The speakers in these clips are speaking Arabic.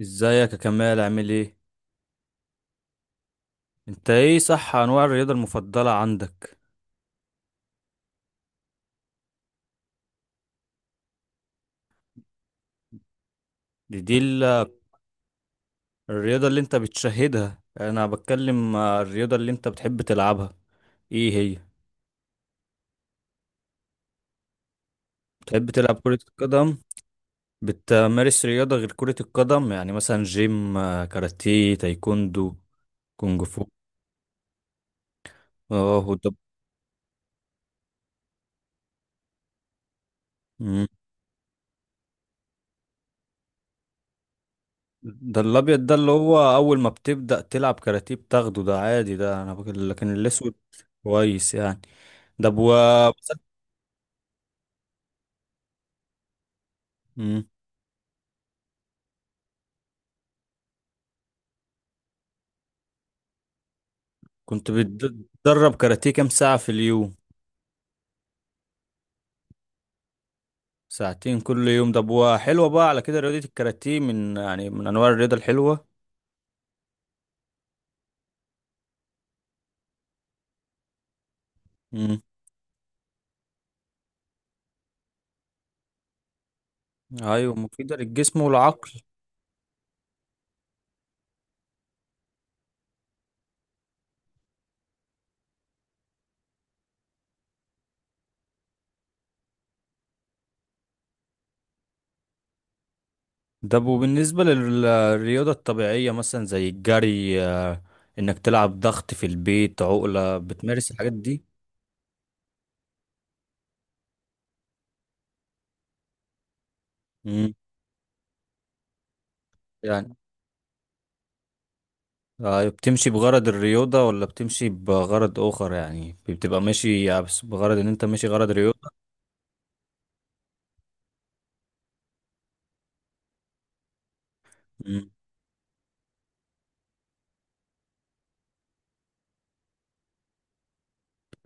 ازيك يا كمال، عامل ايه؟ انت ايه صح، انواع الرياضة المفضلة عندك؟ دي دي ال- الرياضة اللي انت بتشاهدها، انا بتكلم الرياضة اللي انت بتحب تلعبها، ايه هي؟ بتحب تلعب كرة القدم؟ بتمارس رياضة غير كرة القدم؟ يعني مثلا جيم، كاراتيه، تايكوندو، كونج فو؟ اه، هو ده. مم. ده الابيض، ده اللي هو اول ما بتبدأ تلعب كاراتيه بتاخده، ده عادي، لكن الاسود كويس يعني. ده بو كنت بتدرب كاراتيه كام ساعة في اليوم؟ ساعتين كل يوم، ده بوا حلوة بقى. على كده رياضة الكاراتيه من أنواع الرياضة الحلوة. مم. أيوة، مفيدة للجسم والعقل. ده بالنسبة للرياضة الطبيعية مثلا زي الجري، إنك تلعب ضغط في البيت، عقلة، بتمارس الحاجات دي. مم. يعني بتمشي بغرض الرياضة ولا بتمشي بغرض آخر؟ يعني بتبقى ماشي يعني، بس بغرض إن أنت ماشي غرض رياضة.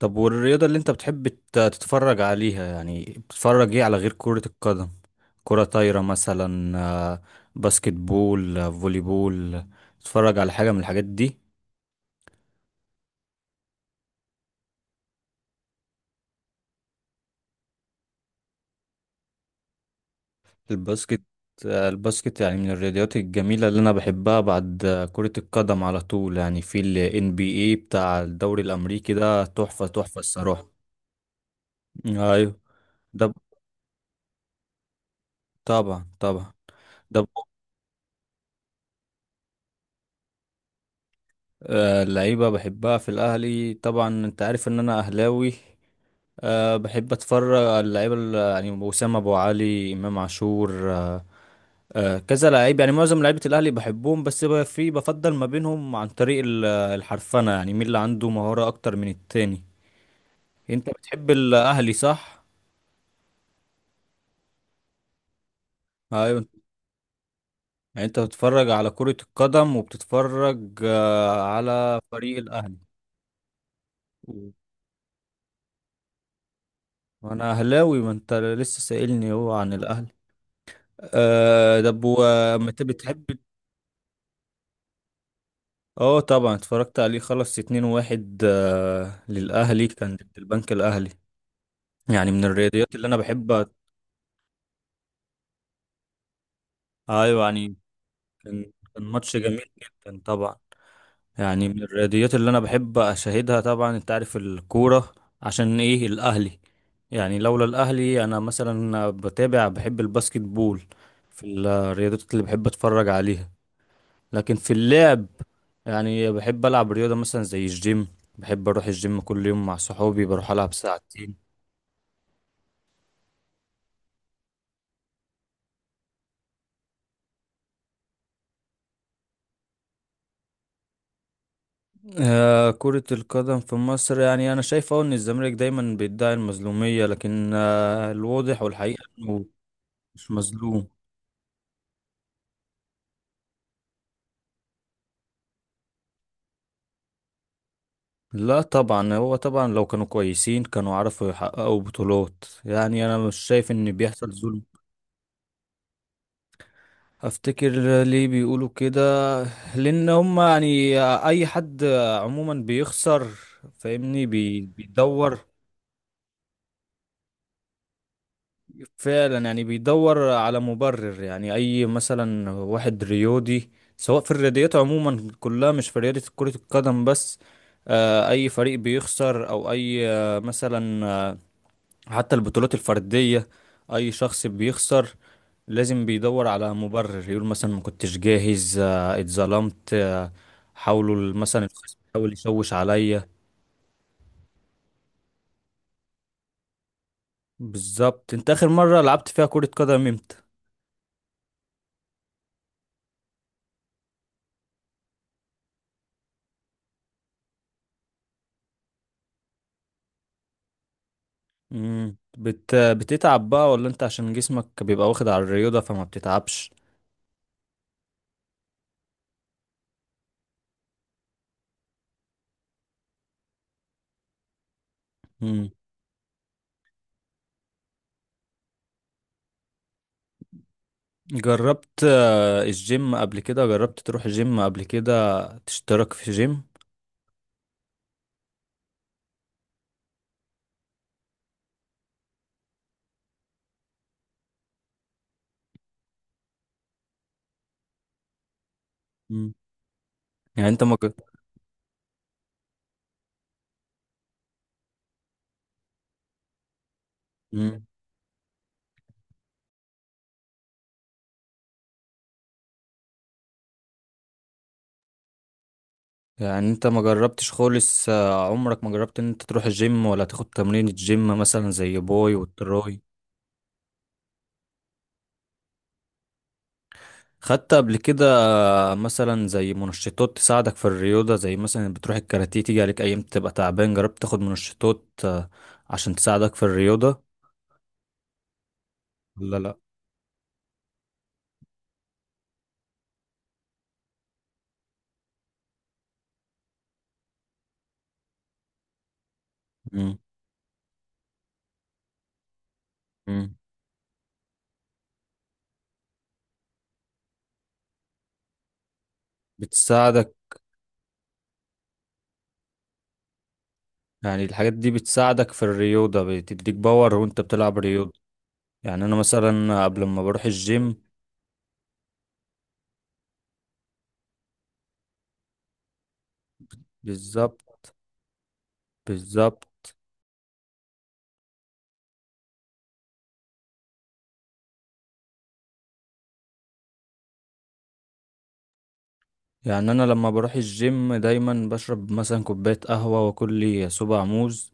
طب والرياضة اللي انت بتحب تتفرج عليها، يعني بتتفرج ايه على غير كرة القدم؟ كرة طايرة مثلا؟ آه، باسكت بول، فولي بول؟ تتفرج على حاجة من الحاجات دي؟ الباسكت. الباسكت يعني من الرياضيات الجميلة اللي انا بحبها بعد كرة القدم على طول. يعني في ال NBA بتاع الدوري الامريكي، ده تحفة تحفة الصراحة. ايوه. ده ب- طبعا طبعا. ده ب- اللعيبة بحبها في الاهلي، طبعا انت عارف ان انا اهلاوي. أه، بحب اتفرج على اللعيبه يعني اسامه، ابو علي، امام عاشور، أه. أه كذا لعيب، يعني معظم لعيبه الاهلي بحبهم، بس في بفضل ما بينهم عن طريق الحرفنه، يعني مين اللي عنده مهاره اكتر من التاني. انت بتحب الاهلي صح؟ ايوه. يعني انت بتتفرج على كره القدم وبتتفرج أه على فريق الاهلي. وانا اهلاوي، ما انت لسه سائلني هو عن الاهلي. أه، طب وما انت بتحب. اه طبعا، اتفرجت عليه، خلص 2-1 للأهلي، كان ضد البنك الأهلي. يعني من الرياضيات اللي أنا بحب أيوة يعني كان ماتش جميل جدا طبعا. يعني من الرياضيات اللي أنا بحب أشاهدها، طبعا أنت عارف الكورة عشان إيه، الأهلي. يعني لولا الأهلي أنا مثلا بتابع، بحب الباسكت بول في الرياضيات اللي بحب أتفرج عليها. لكن في اللعب، يعني بحب العب رياضه مثلا زي الجيم. بحب اروح الجيم كل يوم مع صحابي، بروح العب ساعتين. آه، كرة القدم في مصر، يعني انا شايف أهو ان الزمالك دايما بيدعي المظلومية، لكن آه الواضح والحقيقة انه مش مظلوم. لا طبعا، هو طبعا لو كانوا كويسين كانوا عرفوا يحققوا بطولات. يعني انا مش شايف ان بيحصل ظلم. افتكر ليه بيقولوا كده؟ لان هم يعني اي حد عموما بيخسر، فاهمني، بيدور فعلا، يعني بيدور على مبرر. يعني اي مثلا واحد رياضي، سواء في الرياضيات عموما كلها، مش في رياضة كرة القدم بس، اي فريق بيخسر او اي مثلا، حتى البطولات الفردية، اي شخص بيخسر لازم بيدور على مبرر، يقول مثلا ما كنتش جاهز، اتظلمت، حاولوا مثلا الخصم يحاول يشوش عليا. بالظبط. انت اخر مرة لعبت فيها كرة قدم امتى؟ مم. بتتعب بقى ولا انت عشان جسمك بيبقى واخد على الرياضة فما بتتعبش؟ مم. جربت الجيم قبل كده؟ جربت تروح جيم قبل كده، تشترك في جيم؟ مم. يعني انت ما مج... يعني انت ما جربتش خالص، عمرك ما جربت ان انت تروح الجيم ولا تاخد تمرين الجيم مثلا زي باي والتراي؟ خدت قبل كده مثلا زي منشطات تساعدك في الرياضة؟ زي مثلا بتروح الكاراتيه تيجي عليك ايام تبقى تعبان، جربت تاخد منشطات عشان تساعدك في الرياضة؟ ولا لا. مم. مم. بتساعدك. يعني الحاجات دي بتساعدك في الرياضة، بتديك باور وانت بتلعب رياضة. يعني انا مثلا قبل ما بروح الجيم. بالظبط. بالظبط. يعني انا لما بروح الجيم دايما بشرب مثلا كوبايه قهوه واكل لي صباع موز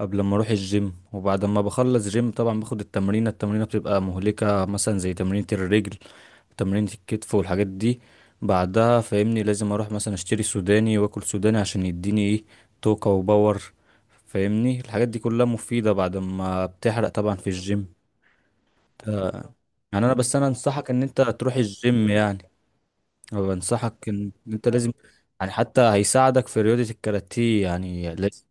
قبل ما اروح الجيم، وبعد ما بخلص جيم طبعا باخد التمرينه. التمرينه بتبقى مهلكه، مثلا زي تمرينه الرجل، تمرينه الكتف والحاجات دي. بعدها فاهمني لازم اروح مثلا اشتري سوداني واكل سوداني عشان يديني ايه، طاقه وباور. فاهمني الحاجات دي كلها مفيده بعد ما بتحرق طبعا في الجيم. ف- يعني انا بس انا انصحك ان انت تروح الجيم. يعني أنا بنصحك ان انت لازم، يعني حتى هيساعدك في رياضة الكاراتيه، يعني لازم.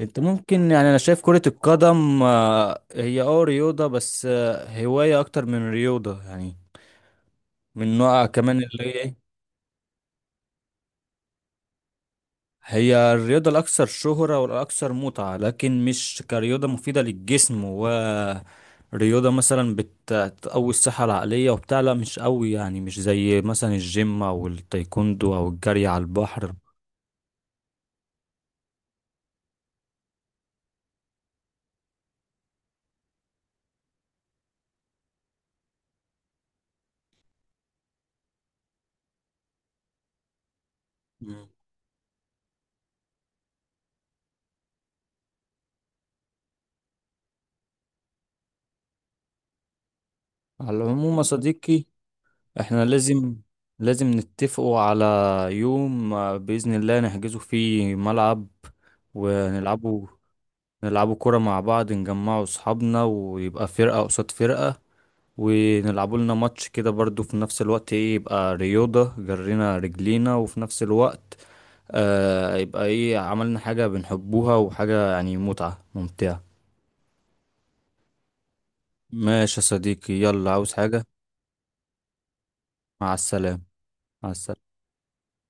انت ممكن، يعني انا شايف كرة القدم هي اه رياضة، بس هواية اكتر من رياضة، يعني من نوع كمان اللي هي ايه. هي الرياضة الاكثر شهرة والاكثر متعة، لكن مش كرياضة مفيدة للجسم، ورياضة مثلا بتقوي الصحة العقلية وبتاع، لا مش قوي. يعني مش زي مثلا الجيم او التايكوندو او الجري على البحر. على العموم يا صديقي، احنا لازم نتفقوا على يوم، بإذن الله نحجزه فيه ملعب، ونلعبوا كرة مع بعض، نجمعوا أصحابنا ويبقى فرقة قصاد فرقة، ونلعبوا لنا ماتش كده برضو. في نفس الوقت ايه، يبقى رياضة، جرينا رجلينا، وفي نفس الوقت آه يبقى ايه، عملنا حاجة بنحبوها وحاجة يعني متعة ممتعة. ماشي يا صديقي، يلا عاوز حاجة؟ مع السلامة. مع السلامة.